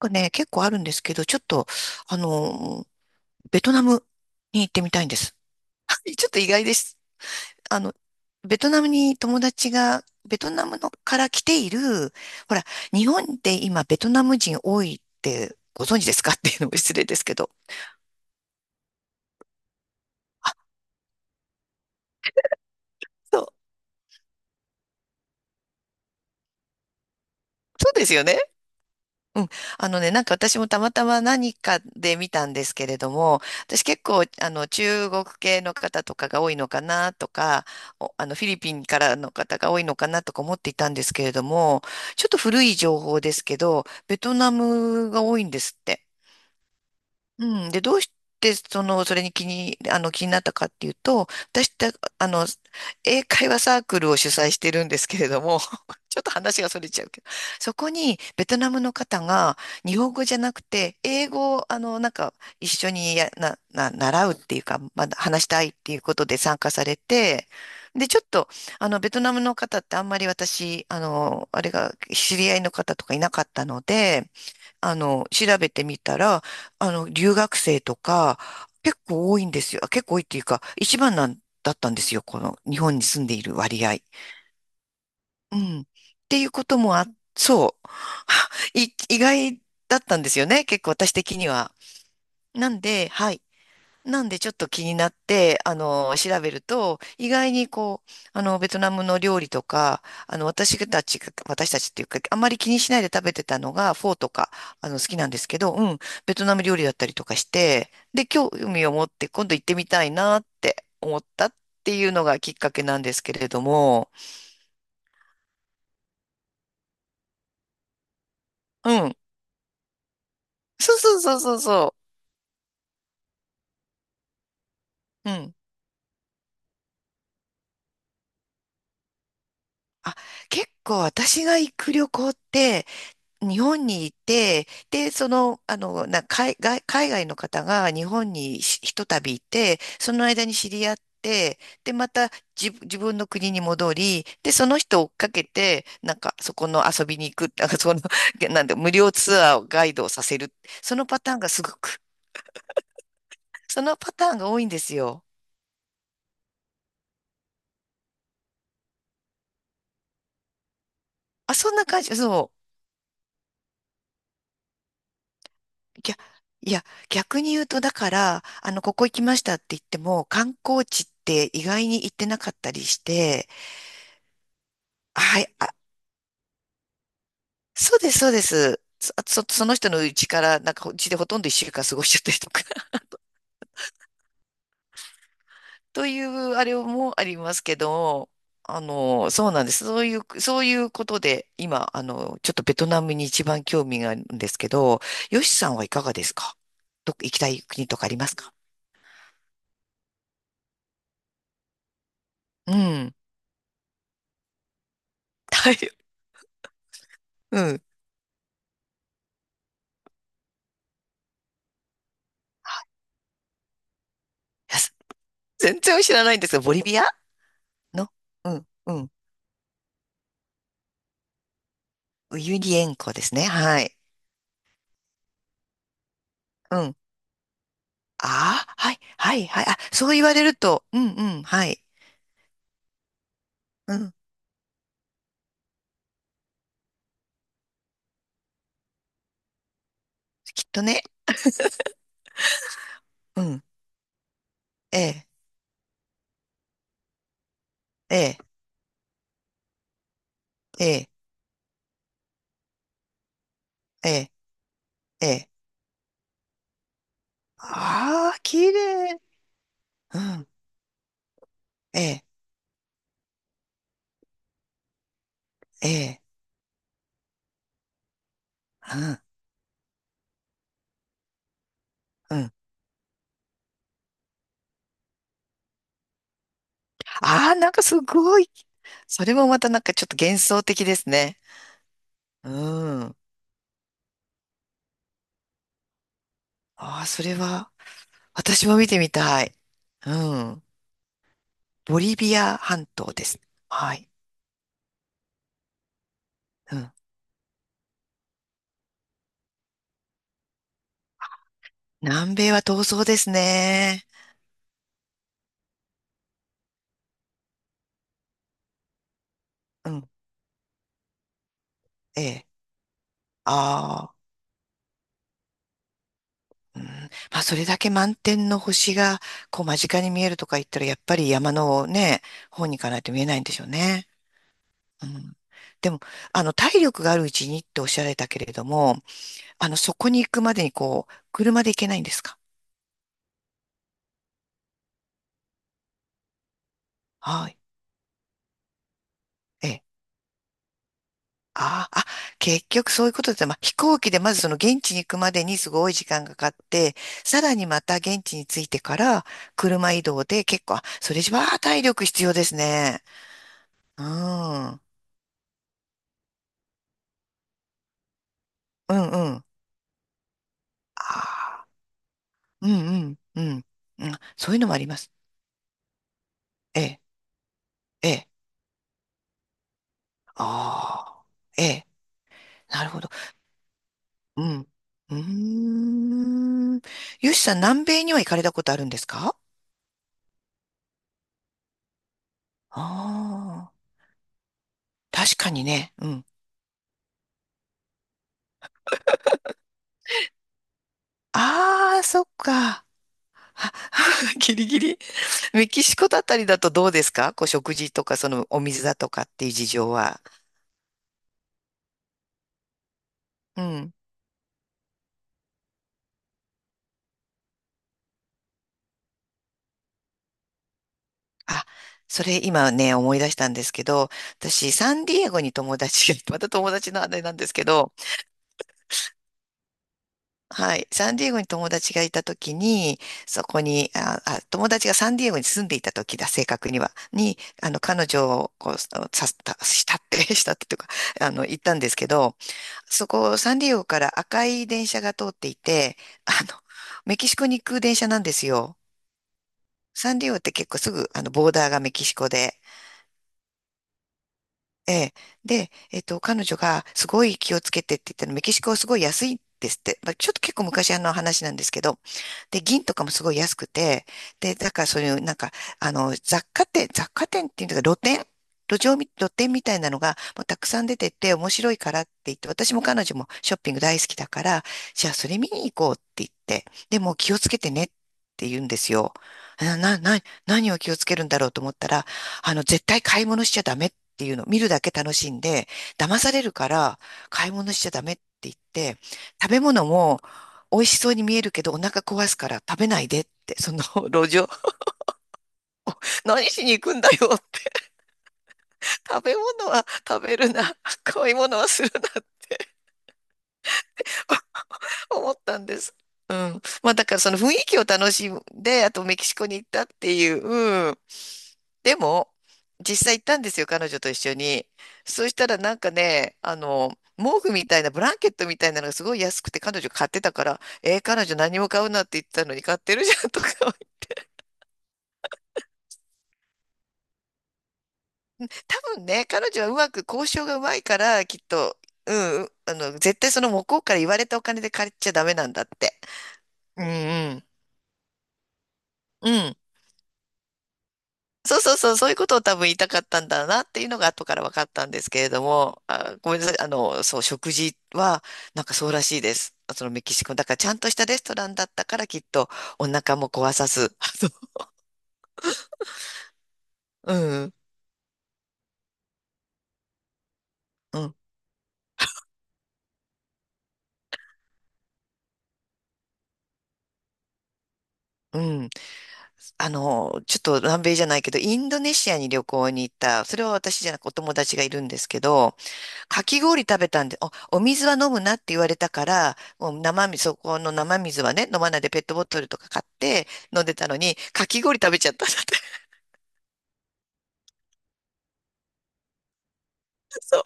結構あるんですけど、ちょっと、あの、ベトナムに行ってみたいんです。ちょっと意外です。あの、ベトナムのから来ている、ほら、日本って今ベトナム人多いってご存知ですかっていうのも失礼ですけど。そう、そうですよね。うん。私もたまたま何かで見たんですけれども、私結構、中国系の方とかが多いのかなとか、おあの、フィリピンからの方が多いのかなとか思っていたんですけれども、ちょっと古い情報ですけど、ベトナムが多いんですって。うん。で、どうして、その、それに気に、あの、気になったかっていうと、私って、あの、英会話サークルを主催してるんですけれども、ちょっと話がそれちゃうけど、そこにベトナムの方が日本語じゃなくて、英語を、一緒にや、な、な、習うっていうか、まだ話したいっていうことで参加されて、で、ちょっと、あの、ベトナムの方ってあんまり私、あの、あれが、知り合いの方とかいなかったので、調べてみたら、留学生とか、結構多いんですよ。結構多いっていうか、一番なんだったんですよ。この日本に住んでいる割合。うん。っていうこともあ、そう。意外だったんですよね。結構私的には。なんで、はい。なんでちょっと気になって、調べると、意外にこう、ベトナムの料理とか、私たちっていうか、あんまり気にしないで食べてたのが、フォーとか、好きなんですけど、うん、ベトナム料理だったりとかして、で、興味を持って今度行ってみたいなって思ったっていうのがきっかけなんですけれども、うん、そうそうそうそうそう、うん。あ、結構私が行く旅行って、日本にいて、で、その、あの、な、海外、海外の方が日本にとたびいて、その間に知り合って、で、また自分の国に戻り、で、その人を追っかけて、そこの遊びに行く、なんで、無料ツアーをガイドをさせる。そのパターンがすごく、そのパターンが多いんですよ。あ、そんな感じ、そう。いや、逆に言うと、だから、ここ行きましたって言っても、観光地って意外に行ってなかったりして、はい、あ、そうです、そうです。そ、あそその人の家から、うちでほとんど一週間過ごしちゃったりとか という、あれもありますけど、そうなんです。そういうことで、今、ちょっとベトナムに一番興味があるんですけど、ヨシさんはいかがですか？どっか行きたい国とかありますか？うん。はい。うん。いやす全然知らないんですが、ボリビアの、うん、うん。ウユニ塩湖ですね。はい。うん。ああ、はい、はい、はい。あ、そう言われると、うん、うん、はい。うん、きっとね。うん、ええ、ええ、ええ、ええ、ええ。ああ、綺麗。うん、ええ、ええ、うん、うん。ああ、なんかすごい。それもまたなんかちょっと幻想的ですね。うん。ああ、それは、私も見てみたい。うん。ボリビア半島です。はい。うん。南米は闘争ですね。うん。ええ。ああ。うん、まあ、それだけ満天の星が、こう、間近に見えるとか言ったら、やっぱり山のね、方に行かないと見えないんでしょうね。うん。でも、体力があるうちにっておっしゃられたけれども、そこに行くまでに、こう、車で行けないんですか？はい。ええ。ああ、あ、結局そういうことで、まあ、飛行機でまずその現地に行くまでにすごい時間がかかって、さらにまた現地に着いてから、車移動で結構、あそれじゃあ体力必要ですね。うん。うんうん。ああ、うんうんうん、うん。そういうのもあります。ええ、ええ。ああ、ええ。なるほど。うん。うーん。よしさん、南米には行かれたことあるんですか？ああー、確かにね。うん。ああ、そっか。あ ギリギリ。メキシコだったりだとどうですか、こう食事とか、そのお水だとかっていう事情は。うん。あ、それ今ね、思い出したんですけど、私、サンディエゴに友達が、また友達のあれなんですけど、はい、サンディエゴに友達がいた時に、そこに、あ、あ、友達がサンディエゴに住んでいた時だ、正確には、に、あの、彼女を、こう、さ、したしたって、したってというか、行ったんですけど、そこ、サンディエゴから赤い電車が通っていて、あの、メキシコに行く電車なんですよ。サンディエゴって結構すぐ、ボーダーがメキシコで、ええ。で、えっと、彼女がすごい気をつけてって言ったの、メキシコはすごい安いんですって。まあ、ちょっと結構昔あの話なんですけど、で、銀とかもすごい安くて、で、だからそういう、雑貨店っていうか、路上み、露店みたいなのがもうたくさん出てて面白いからって言って、私も彼女もショッピング大好きだから、じゃあそれ見に行こうって言って、でも気をつけてねって言うんですよ。な、な、な、何を気をつけるんだろうと思ったら、絶対買い物しちゃダメっていうの、見るだけ楽しんで、騙されるから買い物しちゃダメって言って、食べ物も美味しそうに見えるけどお腹壊すから食べないでって、その 路上、何しに行くんだよって、食べ物は食べるな、買い物はするなって 思ったんです。うん。まあだからその雰囲気を楽しんで、あとメキシコに行ったっていう、うん。でも、実際行ったんですよ、彼女と一緒に。そうしたらなんかね、毛布みたいな、ブランケットみたいなのがすごい安くて彼女買ってたから、えー彼女何も買うなって言ってたのに買ってるじゃんとか、多分ね、彼女はうまく交渉がうまいから、きっと、うん、うあの、絶対その向こうから言われたお金で借りちゃダメなんだって。うんうん。うん。そうそうそう、そういうことを多分言いたかったんだなっていうのが後から分かったんですけれども、あ、ごめんなさい、そう、食事はなんかそうらしいです。そのメキシコ。だからちゃんとしたレストランだったからきっとお腹も壊さず。あのうん、うん、うん。ちょっと南米じゃないけど、インドネシアに旅行に行った、それは私じゃなくお友達がいるんですけど、かき氷食べたんで、お水は飲むなって言われたから、もう生水、そこの生水はね、飲まないでペットボトルとか買って飲んでたのに、かき氷食べちゃったんだって。そう、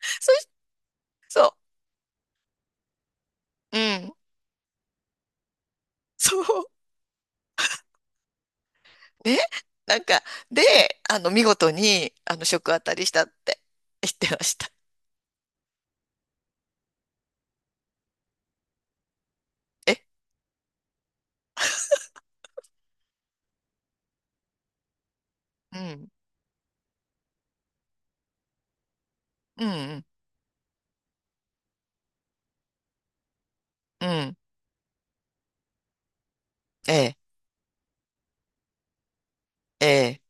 そし、そう、うん、そう、ね、なんか、で、見事に、食当たりしたって言ってました。え、うん、うん、うん、うん、ええ、ええ。